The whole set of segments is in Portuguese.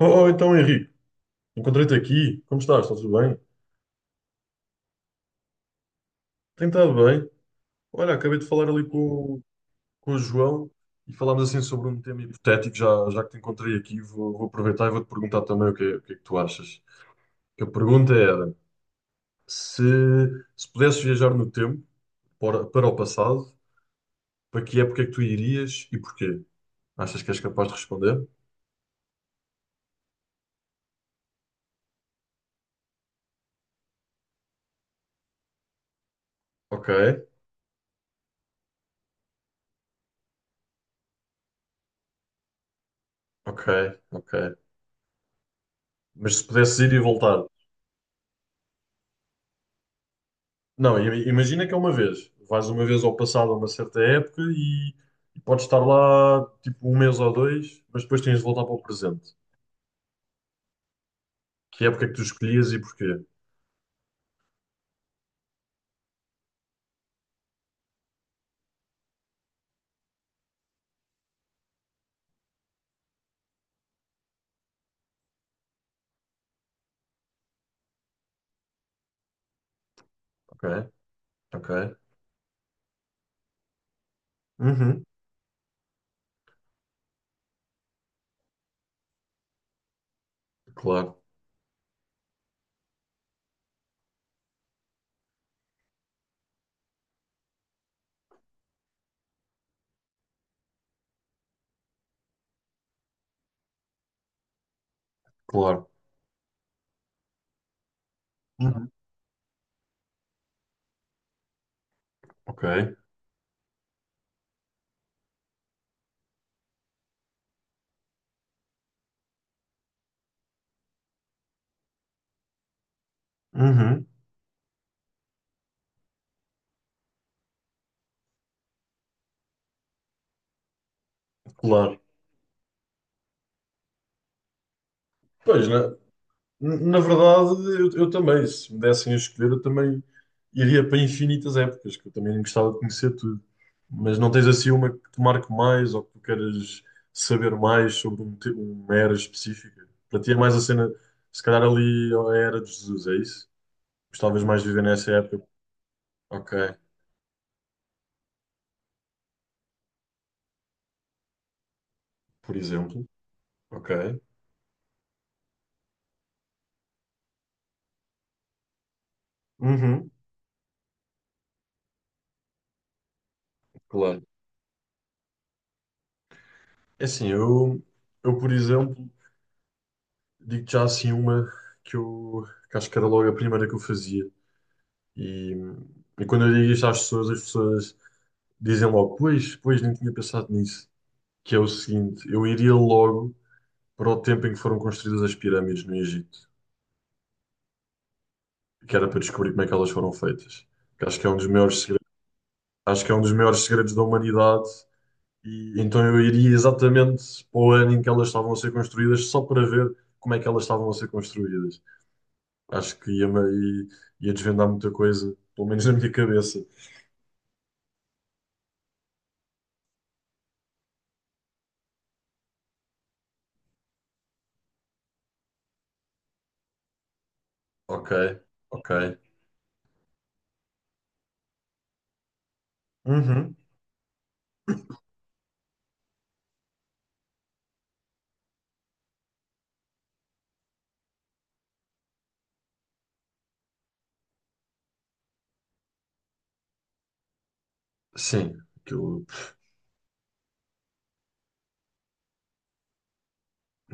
Oh, então, Henrique, encontrei-te aqui. Como estás? Está tudo bem? Tem estado bem. Olha, acabei de falar ali com, o- com o João e falámos assim sobre um tema hipotético. Já que te encontrei aqui, vou aproveitar e vou-te perguntar também o que é que tu achas. Que a pergunta era: se, se pudesses viajar no tempo para o passado, para que época é que tu irias e porquê? Achas que és capaz de responder? Ok, ok, ok. Mas se pudesses ir e voltar. Não, imagina que é uma vez. Vais uma vez ao passado a uma certa época e podes estar lá tipo um mês ou dois, mas depois tens de voltar para o presente. Que época é que tu escolhias e porquê? Ok, ok. Uhum. Claro, claro. Uhum. Ok. Uhum. Claro. Pois, né? Na verdade, eu também, se me dessem a escolher, eu também iria para infinitas épocas, que eu também gostava de conhecer tudo. Mas não tens assim uma que te marque mais ou que tu queiras saber mais sobre uma era específica? Para ti é mais a cena, se calhar ali a era de Jesus, é isso? Gostavas mais de viver nessa época? Ok, por exemplo. Ok. Uhum, claro. É assim, eu por exemplo, digo já assim uma que eu que acho que era logo a primeira que eu fazia. E, e quando eu digo isto às pessoas, as pessoas dizem logo, pois, pois, nem tinha pensado nisso. Que é o seguinte, eu iria logo para o tempo em que foram construídas as pirâmides no Egito, que era para descobrir como é que elas foram feitas. Que acho que é um dos maiores segredos, acho que é um dos maiores segredos da humanidade. E então eu iria exatamente para o ano em que elas estavam a ser construídas, só para ver como é que elas estavam a ser construídas. Acho que ia desvendar muita coisa, pelo menos na minha cabeça. Ok, ok. Uhum. Sim, aquilo.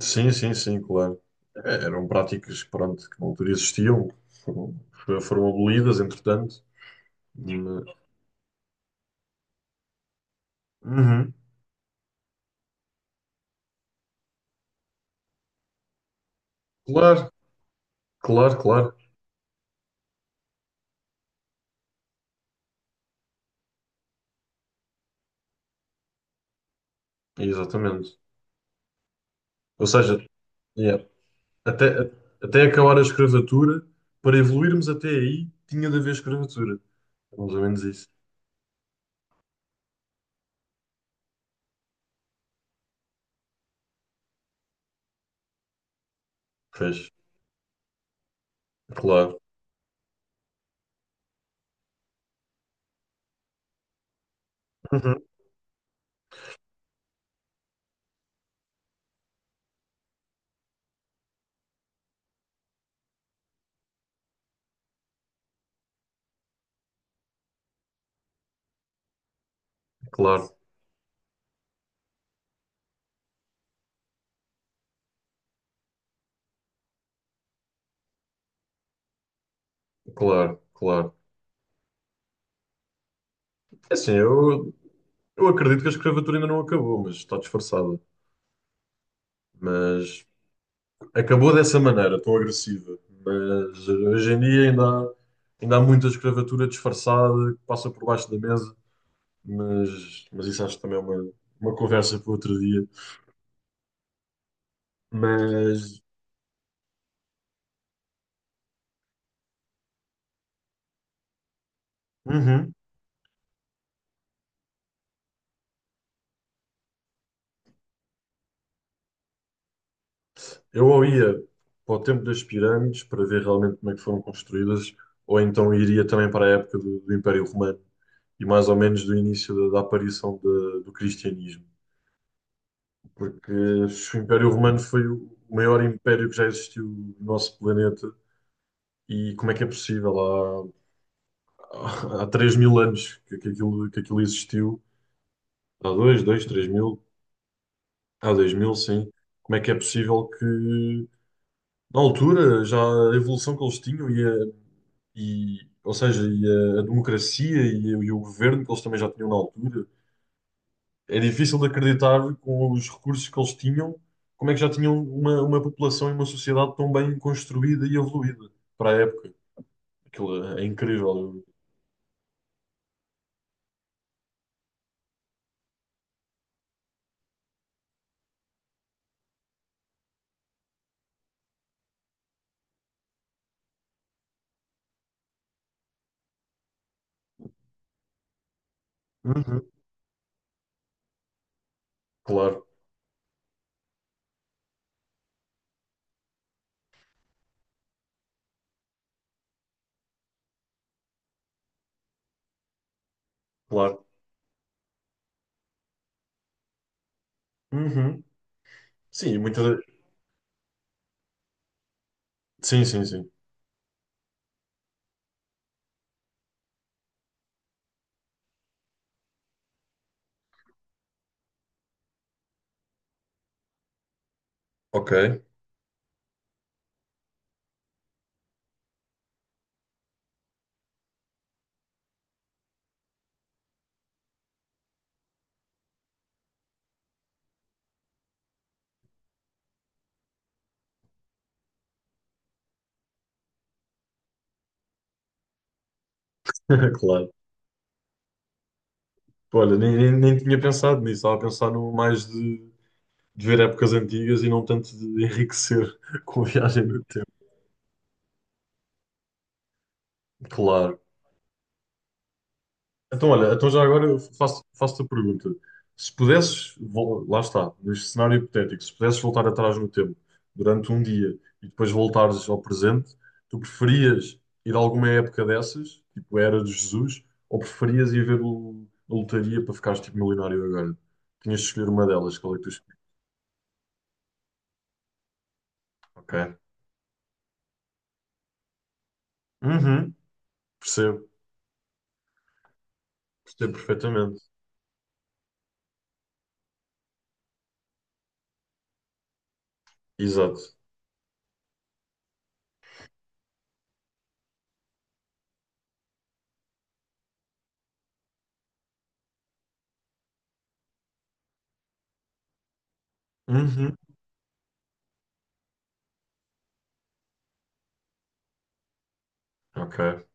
Sim, sim, sim, claro. É, eram práticas, pronto, que na altura existiam, foram abolidas, entretanto. Mas- Uhum. Claro, claro, claro. Exatamente. Ou seja, yeah, até, até acabar a escravatura, para evoluirmos até aí, tinha de haver escravatura. É, mais ou menos isso. Fez. Claro. Uhum. Claro, claro, claro. É, assim, eu acredito que a escravatura ainda não acabou, mas está disfarçada. Mas acabou dessa maneira, tão agressiva, mas hoje em dia ainda há muita escravatura disfarçada que passa por baixo da mesa, mas isso acho que também é uma conversa para outro dia. Mas, uhum, eu ou ia para o tempo das pirâmides para ver realmente como é que foram construídas, ou então iria também para a época do Império Romano e mais ou menos do início da aparição do cristianismo. Porque se o Império Romano foi o maior império que já existiu no nosso planeta. E como é que é possível? Há 3 mil anos que, que aquilo existiu. Há dois, 3 mil. Há 2.000, sim. Como é que é possível que, na altura, já a evolução que eles tinham e a democracia e o governo que eles também já tinham na altura, é difícil de acreditar com os recursos que eles tinham, como é que já tinham uma população e uma sociedade tão bem construída e evoluída para a época. Aquilo é incrível. Uhum. Claro, claro. Uhum. Sim, e muitas. Sim, sim, sim. Ok. Claro. Olha, nem tinha pensado nisso. Estava a pensar no mais de ver épocas antigas e não tanto de enriquecer com a viagem no tempo. Claro. Então, olha, então já agora eu faço-te a pergunta. Se pudesses, lá está, neste cenário hipotético, se pudesses voltar atrás no tempo durante um dia e depois voltares ao presente, tu preferias ir a alguma época dessas, tipo a Era de Jesus, ou preferias ir ver a lotaria para ficares tipo milionário agora? Tinhas de escolher uma delas, qual é que tu escolhes? Ok. Uhum. Percebo, percebo perfeitamente. Exato. Uhum. Ok.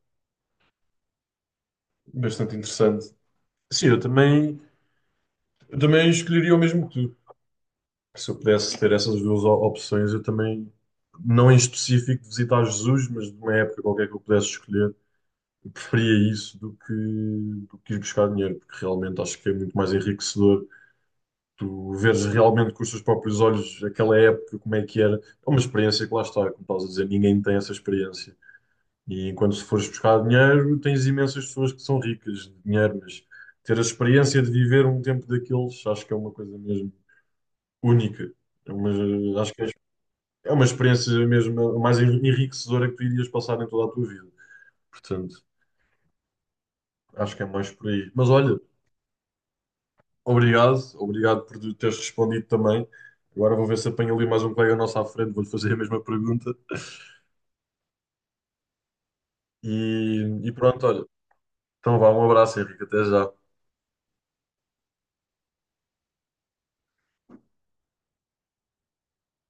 Bastante interessante. Sim, eu também, escolheria o mesmo que tu. Se eu pudesse ter essas duas opções, eu também, não em específico de visitar Jesus, mas de uma época qualquer que eu pudesse escolher, eu preferia isso do que ir buscar dinheiro, porque realmente acho que é muito mais enriquecedor. Tu veres realmente com os teus próprios olhos aquela época, como é que era. É uma experiência que lá está, como estás a dizer, ninguém tem essa experiência. E enquanto se fores buscar dinheiro, tens imensas pessoas que são ricas de dinheiro, mas ter a experiência de viver um tempo daqueles, acho que é uma coisa mesmo única. Acho que é uma experiência mesmo a mais enriquecedora que tu irias passar em toda a tua vida. Portanto, acho que é mais por aí. Mas olha, obrigado, obrigado por teres respondido também. Agora vou ver se apanho ali mais um colega nosso à frente, vou-lhe fazer a mesma pergunta. E pronto, olha. Então vá, um abraço, Henrique, até já.